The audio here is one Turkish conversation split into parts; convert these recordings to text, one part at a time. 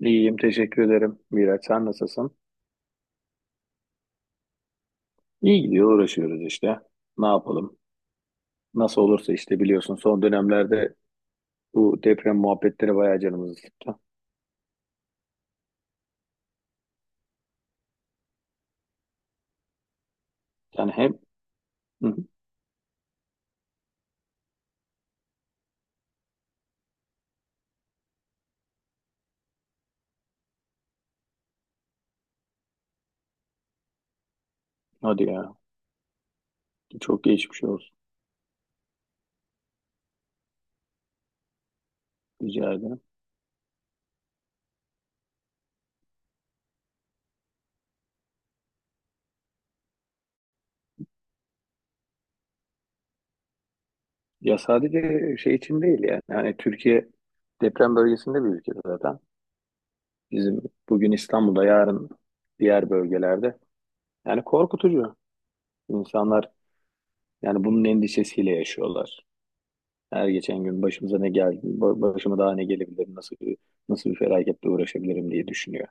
İyiyim, teşekkür ederim Miraç. Sen nasılsın? İyi gidiyor, uğraşıyoruz işte. Ne yapalım? Nasıl olursa işte, biliyorsun son dönemlerde bu deprem muhabbetleri bayağı canımızı sıktı. Yani hem hı hı. Hadi ya, çok geçmiş olsun, rica ederim. Ya sadece şey için değil yani. Yani Türkiye deprem bölgesinde bir ülke zaten. Bizim bugün İstanbul'da, yarın diğer bölgelerde. Yani korkutucu. İnsanlar yani bunun endişesiyle yaşıyorlar. Her geçen gün başımıza ne geldi, başıma daha ne gelebilir, nasıl bir, nasıl bir felaketle uğraşabilirim diye düşünüyor.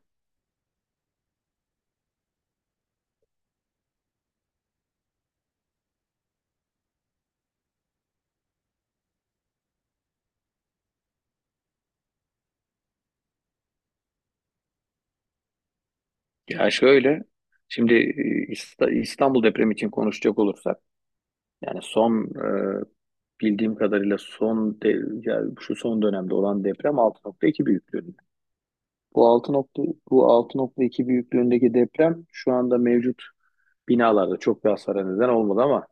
Ya şöyle, şimdi İstanbul depremi için konuşacak olursak, yani son e, bildiğim kadarıyla son de, yani şu son dönemde olan deprem 6.2 büyüklüğünde. Bu bu 6.2 büyüklüğündeki deprem şu anda mevcut binalarda çok bir hasara neden olmadı ama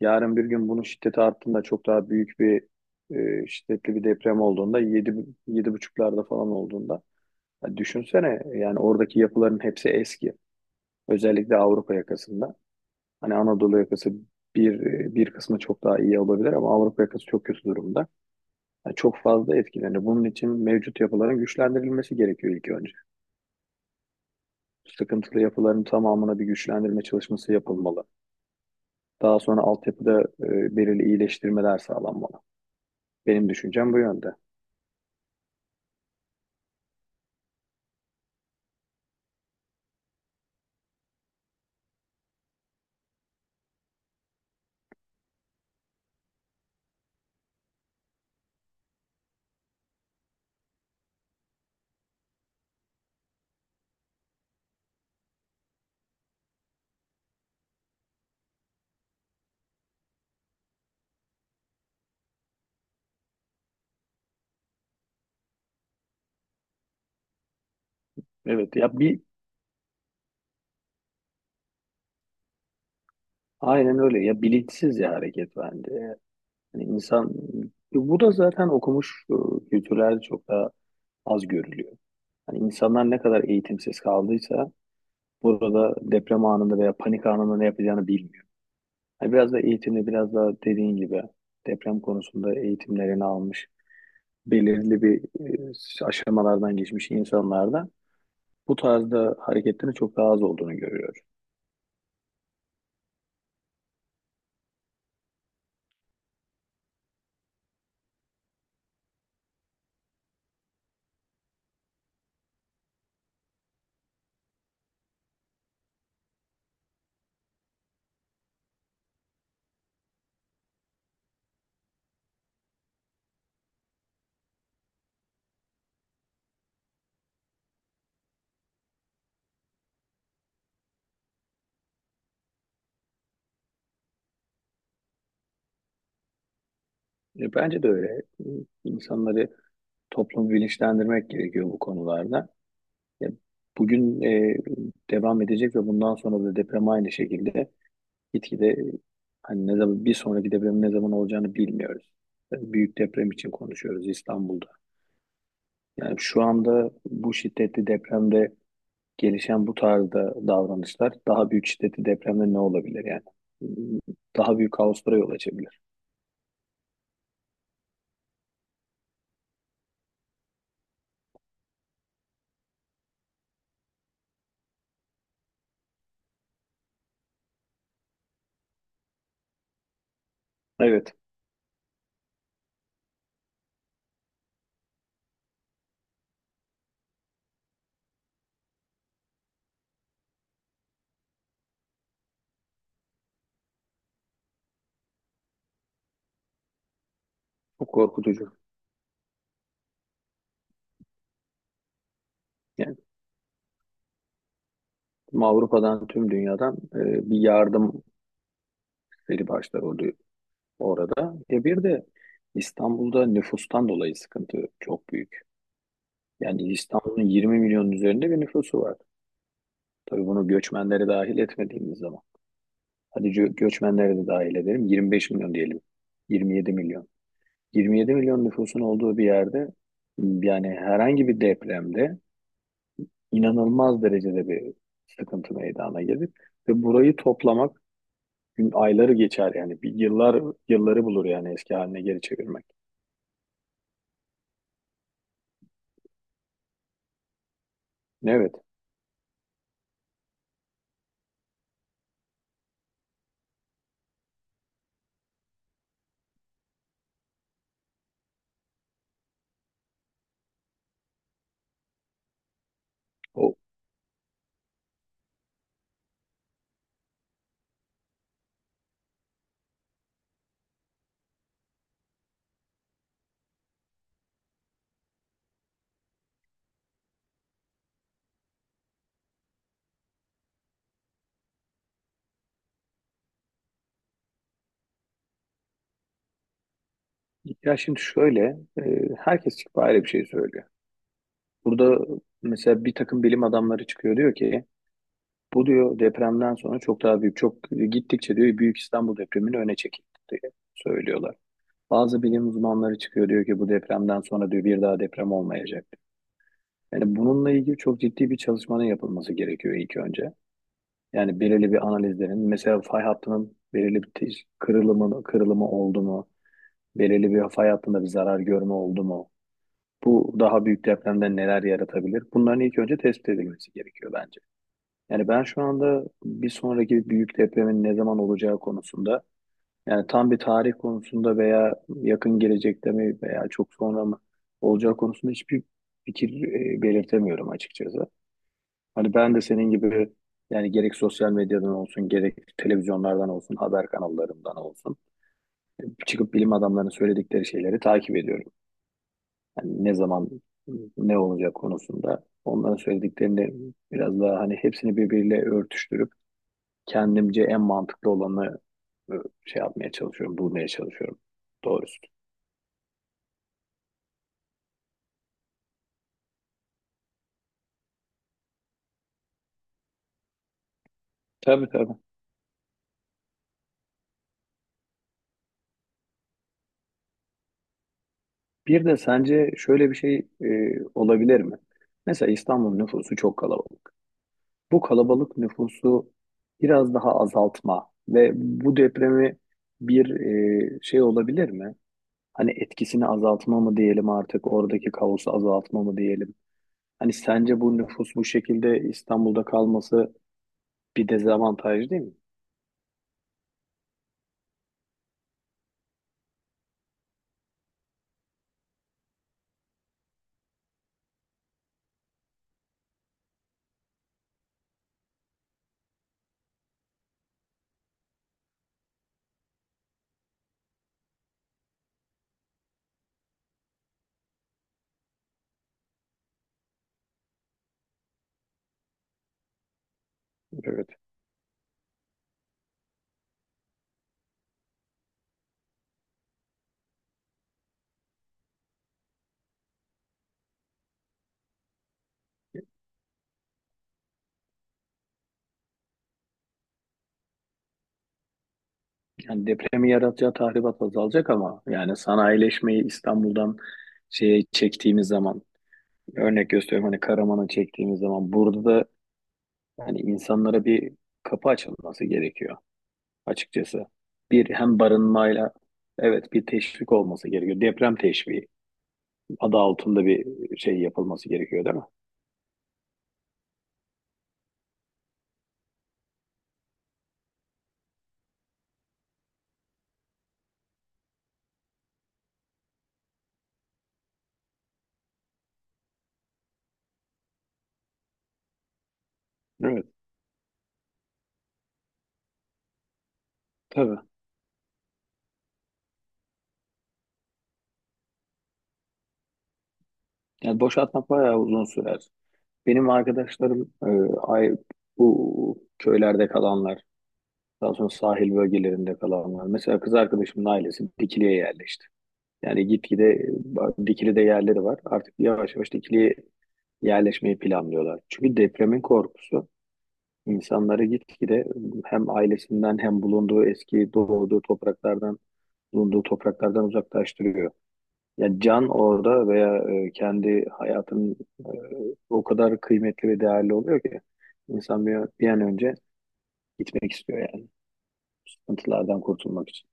yarın bir gün bunun şiddeti arttığında çok daha büyük bir şiddetli bir deprem olduğunda 7 yedi buçuklarda falan olduğunda, ya düşünsene, yani oradaki yapıların hepsi eski. Özellikle Avrupa yakasında. Hani Anadolu yakası bir bir kısmı çok daha iyi olabilir ama Avrupa yakası çok kötü durumda. Yani çok fazla etkilendi. Bunun için mevcut yapıların güçlendirilmesi gerekiyor ilk önce. Sıkıntılı yapıların tamamına bir güçlendirme çalışması yapılmalı. Daha sonra altyapıda belirli iyileştirmeler sağlanmalı. Benim düşüncem bu yönde. Evet ya, bir aynen öyle ya, bilinçsizce hareket bence. Yani insan, bu da zaten okumuş kültürlerde çok daha az görülüyor. Hani insanlar ne kadar eğitimsiz kaldıysa burada deprem anında veya panik anında ne yapacağını bilmiyor. Hani biraz da eğitimli, biraz da dediğin gibi deprem konusunda eğitimlerini almış, belirli bir aşamalardan geçmiş insanlarda bu tarzda hareketlerin çok daha az olduğunu görüyoruz. Bence de öyle. İnsanları, toplum bilinçlendirmek gerekiyor bu konularda. Ya, bugün devam edecek ve bundan sonra da deprem aynı şekilde gitgide hani ne zaman bir sonraki depremin ne zaman olacağını bilmiyoruz. Büyük deprem için konuşuyoruz İstanbul'da. Yani şu anda bu şiddetli depremde gelişen bu tarzda davranışlar daha büyük şiddetli depremde ne olabilir yani? Daha büyük kaoslara yol açabilir. Evet, bu korkutucu. Yani tüm Avrupa'dan, tüm dünyadan bir yardım seri başlar oluyor orada. E bir de İstanbul'da nüfustan dolayı sıkıntı çok büyük. Yani İstanbul'un 20 milyonun üzerinde bir nüfusu var. Tabii bunu göçmenleri dahil etmediğimiz zaman. Hadi göçmenleri de dahil edelim. 25 milyon diyelim. 27 milyon. 27 milyon nüfusun olduğu bir yerde yani herhangi bir depremde inanılmaz derecede bir sıkıntı meydana gelir ve burayı toplamak gün ayları geçer yani bir yıllar, yılları bulur yani eski haline geri çevirmek. Evet. O ya, şimdi şöyle, herkes çıkıp ayrı bir şey söylüyor. Burada mesela bir takım bilim adamları çıkıyor, diyor ki bu diyor depremden sonra çok daha büyük, çok gittikçe diyor Büyük İstanbul depremini öne çekildi diye söylüyorlar. Bazı bilim uzmanları çıkıyor diyor ki bu depremden sonra diyor bir daha deprem olmayacak. Yani bununla ilgili çok ciddi bir çalışmanın yapılması gerekiyor ilk önce. Yani belirli bir analizlerin mesela fay hattının belirli bir kırılımı, kırılımı oldu mu? Belirli bir fay hattında bir zarar görme oldu mu? Bu daha büyük depremden neler yaratabilir? Bunların ilk önce tespit edilmesi gerekiyor bence. Yani ben şu anda bir sonraki büyük depremin ne zaman olacağı konusunda, yani tam bir tarih konusunda veya yakın gelecekte mi veya çok sonra mı olacağı konusunda hiçbir fikir belirtemiyorum açıkçası. Hani ben de senin gibi yani gerek sosyal medyadan olsun, gerek televizyonlardan olsun, haber kanallarından olsun çıkıp bilim adamlarının söyledikleri şeyleri takip ediyorum. Yani ne zaman ne olacak konusunda onların söylediklerini biraz daha hani hepsini birbiriyle örtüştürüp kendimce en mantıklı olanı e, şey yapmaya çalışıyorum, bulmaya çalışıyorum doğrusu. Tabii tabii. Bir de sence şöyle bir şey olabilir mi? Mesela İstanbul nüfusu çok kalabalık. Bu kalabalık nüfusu biraz daha azaltma ve bu depremi bir şey olabilir mi? Hani etkisini azaltma mı diyelim artık, oradaki kaosu azaltma mı diyelim? Hani sence bu nüfus bu şekilde İstanbul'da kalması bir dezavantaj değil mi? Evet. Yani depremi yaratacağı tahribat azalacak ama yani sanayileşmeyi İstanbul'dan şeye çektiğimiz zaman, örnek gösteriyorum hani Karaman'ı çektiğimiz zaman, burada da hani insanlara bir kapı açılması gerekiyor açıkçası. Bir hem barınmayla, evet bir teşvik olması gerekiyor. Deprem teşviki adı altında bir şey yapılması gerekiyor değil mi? Evet tabii. Yani boşaltmak bayağı uzun sürer. Benim arkadaşlarım ay, bu köylerde kalanlar, daha sonra sahil bölgelerinde kalanlar. Mesela kız arkadaşımın ailesi Dikili'ye yerleşti. Yani gitgide Dikili'de yerleri var. Artık yavaş yavaş Dikili'ye yerleşmeyi planlıyorlar. Çünkü depremin korkusu insanları gitgide hem ailesinden, hem bulunduğu eski doğduğu topraklardan, bulunduğu topraklardan uzaklaştırıyor. Yani can orada veya kendi hayatının e, o kadar kıymetli ve değerli oluyor ki insan bir, bir an önce gitmek istiyor yani sıkıntılardan kurtulmak için.